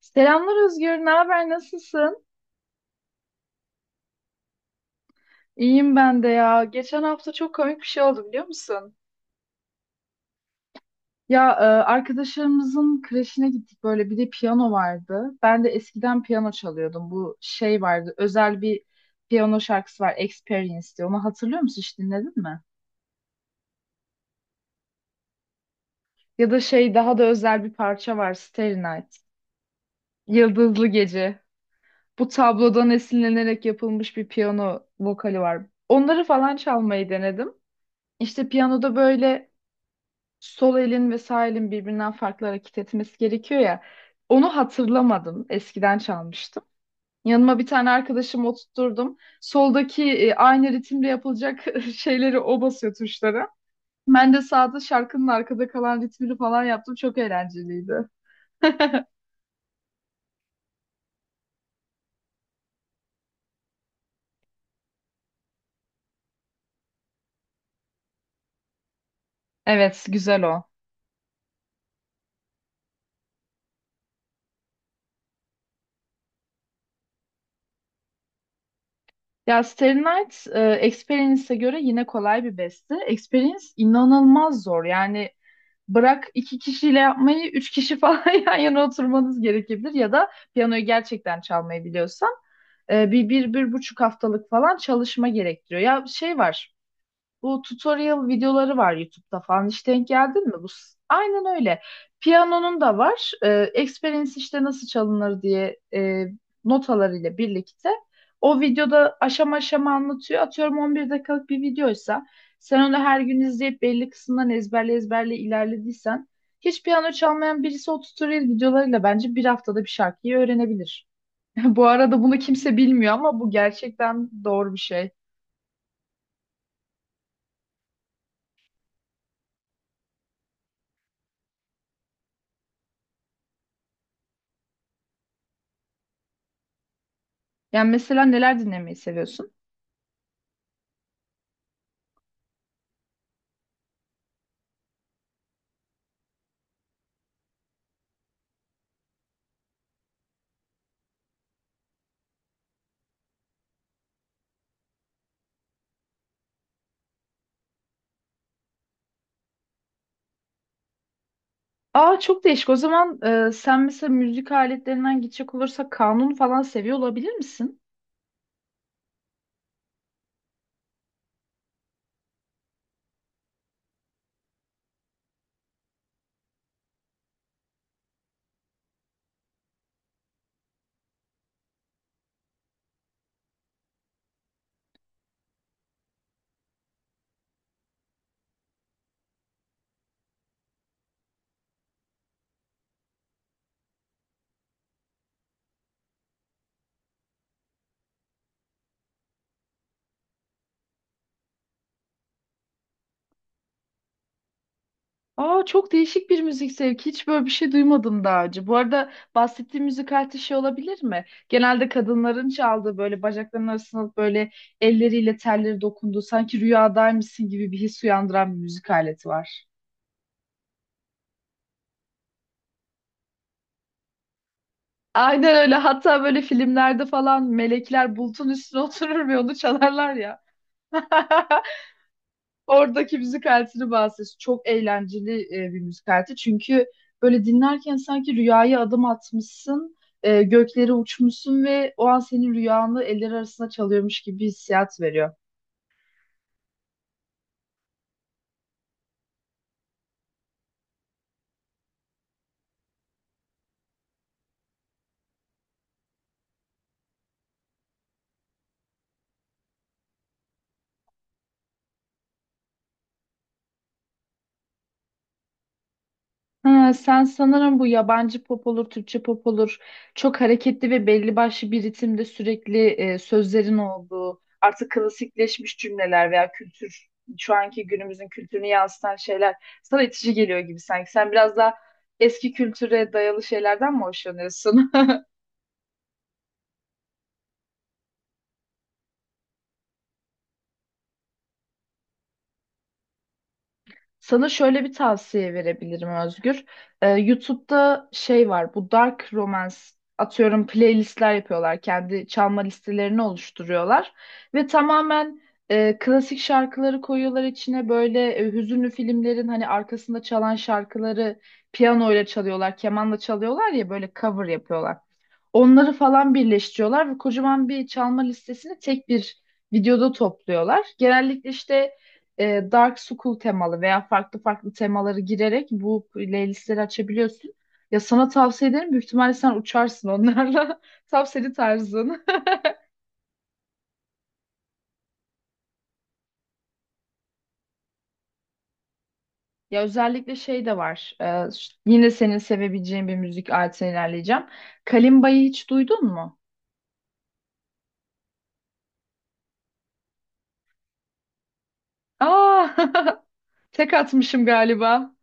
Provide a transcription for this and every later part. Selamlar Özgür, ne haber, nasılsın? İyiyim ben de ya. Geçen hafta çok komik bir şey oldu biliyor musun? Ya arkadaşlarımızın kreşine gittik böyle bir de piyano vardı. Ben de eskiden piyano çalıyordum. Bu şey vardı özel bir piyano şarkısı var Experience diye. Onu hatırlıyor musun hiç dinledin mi? Ya da şey daha da özel bir parça var Starry Night. Yıldızlı Gece. Bu tablodan esinlenerek yapılmış bir piyano vokali var. Onları falan çalmayı denedim. İşte piyanoda böyle sol elin ve sağ elin birbirinden farklı hareket etmesi gerekiyor ya. Onu hatırlamadım. Eskiden çalmıştım. Yanıma bir tane arkadaşımı oturtturdum. Soldaki aynı ritimle yapılacak şeyleri o basıyor tuşları. Ben de sağda şarkının arkada kalan ritmini falan yaptım. Çok eğlenceliydi. Evet, güzel o. Ya Starry Night, Experience'e göre yine kolay bir beste. Experience inanılmaz zor. Yani bırak iki kişiyle yapmayı, 3 kişi falan yan yana oturmanız gerekebilir ya da piyanoyu gerçekten çalmayı biliyorsan 1,5 haftalık falan çalışma gerektiriyor. Ya şey var, bu tutorial videoları var YouTube'da falan. Hiç denk geldin mi? Aynen öyle. Piyanonun da var. Experience işte nasıl çalınır diye notalarıyla birlikte. O videoda aşama aşama anlatıyor. Atıyorum 11 dakikalık bir videoysa sen onu her gün izleyip belli kısımdan ezberle ezberle ilerlediysen hiç piyano çalmayan birisi o tutorial videolarıyla bence bir haftada bir şarkıyı öğrenebilir. Bu arada bunu kimse bilmiyor ama bu gerçekten doğru bir şey. Yani mesela neler dinlemeyi seviyorsun? Aa, çok değişik. O zaman sen mesela müzik aletlerinden gidecek olursak kanun falan seviyor olabilir misin? Aa, çok değişik bir müzik zevki. Hiç böyle bir şey duymadım daha önce. Bu arada bahsettiğim müzik aleti şey olabilir mi? Genelde kadınların çaldığı böyle bacaklarının arasına alıp böyle elleriyle telleri dokunduğu sanki rüyadaymışsın gibi bir his uyandıran bir müzik aleti var. Aynen öyle. Hatta böyle filmlerde falan melekler bulutun üstüne oturur ve onu çalarlar ya. Oradaki müzik aletini bahsediyorsun. Çok eğlenceli bir müzik aleti. Çünkü böyle dinlerken sanki rüyaya adım atmışsın, göklere uçmuşsun ve o an senin rüyanı eller arasında çalıyormuş gibi bir hissiyat veriyor. Ha, sen sanırım bu yabancı pop olur, Türkçe pop olur. Çok hareketli ve belli başlı bir ritimde sürekli sözlerin olduğu, artık klasikleşmiş cümleler veya kültür, şu anki günümüzün kültürünü yansıtan şeyler sana itici geliyor gibi sanki. Sen biraz daha eski kültüre dayalı şeylerden mi hoşlanıyorsun? Sana şöyle bir tavsiye verebilirim Özgür. YouTube'da şey var, bu dark romance atıyorum playlistler yapıyorlar. Kendi çalma listelerini oluşturuyorlar. Ve tamamen klasik şarkıları koyuyorlar içine. Böyle hüzünlü filmlerin hani arkasında çalan şarkıları piyanoyla çalıyorlar, kemanla çalıyorlar ya böyle cover yapıyorlar. Onları falan birleştiriyorlar ve kocaman bir çalma listesini tek bir videoda topluyorlar. Genellikle işte Dark School temalı veya farklı farklı temaları girerek bu playlistleri açabiliyorsun. Ya sana tavsiye ederim. Büyük ihtimalle sen uçarsın onlarla. Tam senin tarzın. Ya özellikle şey de var. Yine senin sevebileceğin bir müzik aletine ilerleyeceğim. Kalimba'yı hiç duydun mu? Aa, tek atmışım galiba.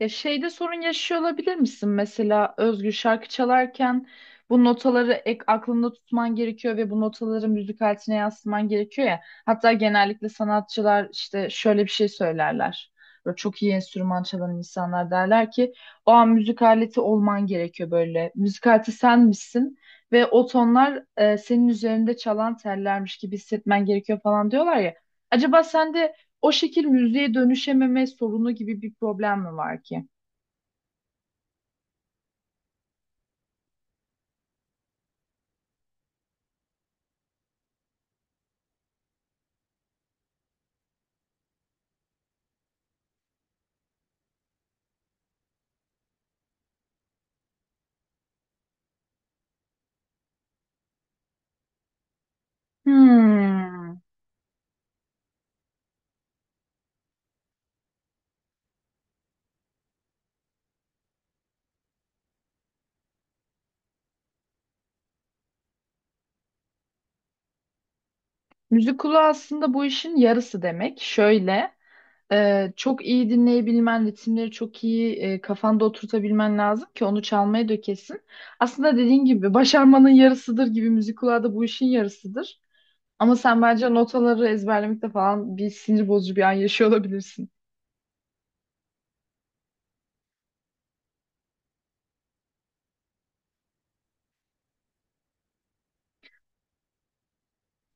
Ya şeyde sorun yaşıyor olabilir misin? Mesela Özgür şarkı çalarken bu notaları ek aklında tutman gerekiyor ve bu notaları müzik aletine yansıtman gerekiyor ya. Hatta genellikle sanatçılar işte şöyle bir şey söylerler. Böyle çok iyi enstrüman çalan insanlar derler ki o an müzik aleti olman gerekiyor böyle. Müzik aleti sen misin ve o tonlar senin üzerinde çalan tellermiş gibi hissetmen gerekiyor falan diyorlar ya. Acaba sende o şekil müziğe dönüşememe sorunu gibi bir problem mi var ki? Hmm. Müzik kulağı aslında bu işin yarısı demek. Şöyle, çok iyi dinleyebilmen, ritimleri çok iyi kafanda oturtabilmen lazım ki onu çalmaya dökesin. Aslında dediğin gibi başarmanın yarısıdır gibi müzik kulağı da bu işin yarısıdır. Ama sen bence notaları ezberlemekte falan bir sinir bozucu bir an yaşıyor olabilirsin.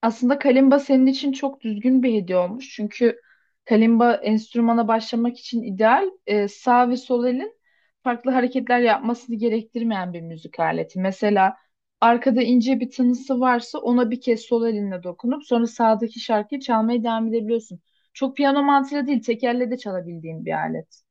Aslında kalimba senin için çok düzgün bir hediye olmuş. Çünkü kalimba enstrümana başlamak için ideal. Sağ ve sol elin farklı hareketler yapmasını gerektirmeyen bir müzik aleti. Mesela arkada ince bir tınısı varsa ona bir kez sol elinle dokunup sonra sağdaki şarkıyı çalmaya devam edebiliyorsun. Çok piyano mantığıyla değil, tek elle de çalabildiğin bir alet.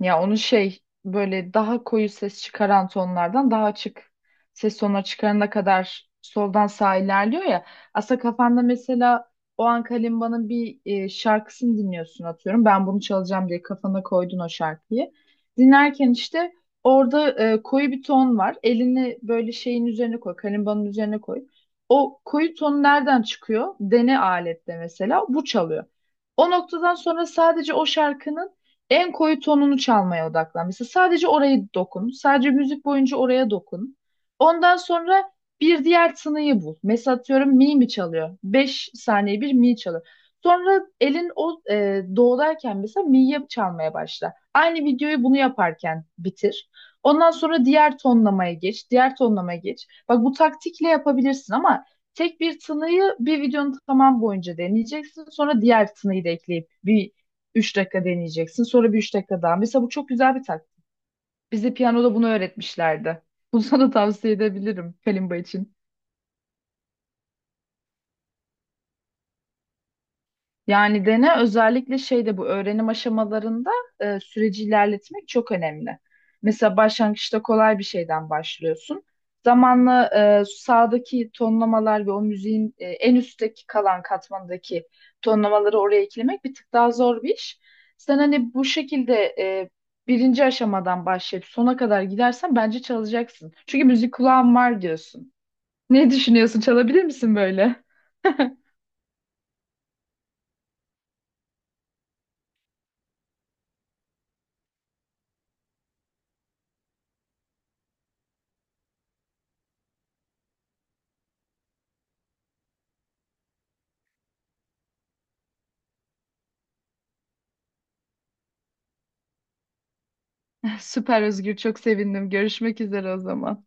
Ya onu şey böyle daha koyu ses çıkaran tonlardan daha açık ses tonuna çıkarana kadar soldan sağa ilerliyor ya. Aslında kafanda mesela o an kalimbanın bir şarkısını dinliyorsun atıyorum. Ben bunu çalacağım diye kafana koydun o şarkıyı. Dinlerken işte orada koyu bir ton var. Elini böyle şeyin üzerine koy, kalimbanın üzerine koy. O koyu ton nereden çıkıyor? Dene aletle mesela bu çalıyor. O noktadan sonra sadece o şarkının en koyu tonunu çalmaya odaklan. Mesela sadece orayı dokun. Sadece müzik boyunca oraya dokun. Ondan sonra bir diğer tınıyı bul. Mesela atıyorum mi mi çalıyor? 5 saniye bir mi çalıyor. Sonra elin o doğdayken mesela mi'yi çalmaya başla. Aynı videoyu bunu yaparken bitir. Ondan sonra diğer tonlamaya geç, diğer tonlamaya geç. Bak bu taktikle yapabilirsin ama tek bir tınıyı bir videonun tamam boyunca deneyeceksin. Sonra diğer tınıyı da ekleyip bir 3 dakika deneyeceksin. Sonra bir 3 dakika daha. Mesela bu çok güzel bir taktik. Bize piyanoda bunu öğretmişlerdi. Bunu sana tavsiye edebilirim kalimba için. Yani dene özellikle şeyde bu öğrenim aşamalarında süreci ilerletmek çok önemli. Mesela başlangıçta kolay bir şeyden başlıyorsun. Zamanla sağdaki tonlamalar ve o müziğin en üstteki kalan katmandaki tonlamaları oraya eklemek bir tık daha zor bir iş. Sen hani bu şekilde e, birinci aşamadan başlayıp sona kadar gidersen bence çalacaksın. Çünkü müzik kulağın var diyorsun. Ne düşünüyorsun? Çalabilir misin böyle? Süper Özgür, çok sevindim. Görüşmek üzere o zaman.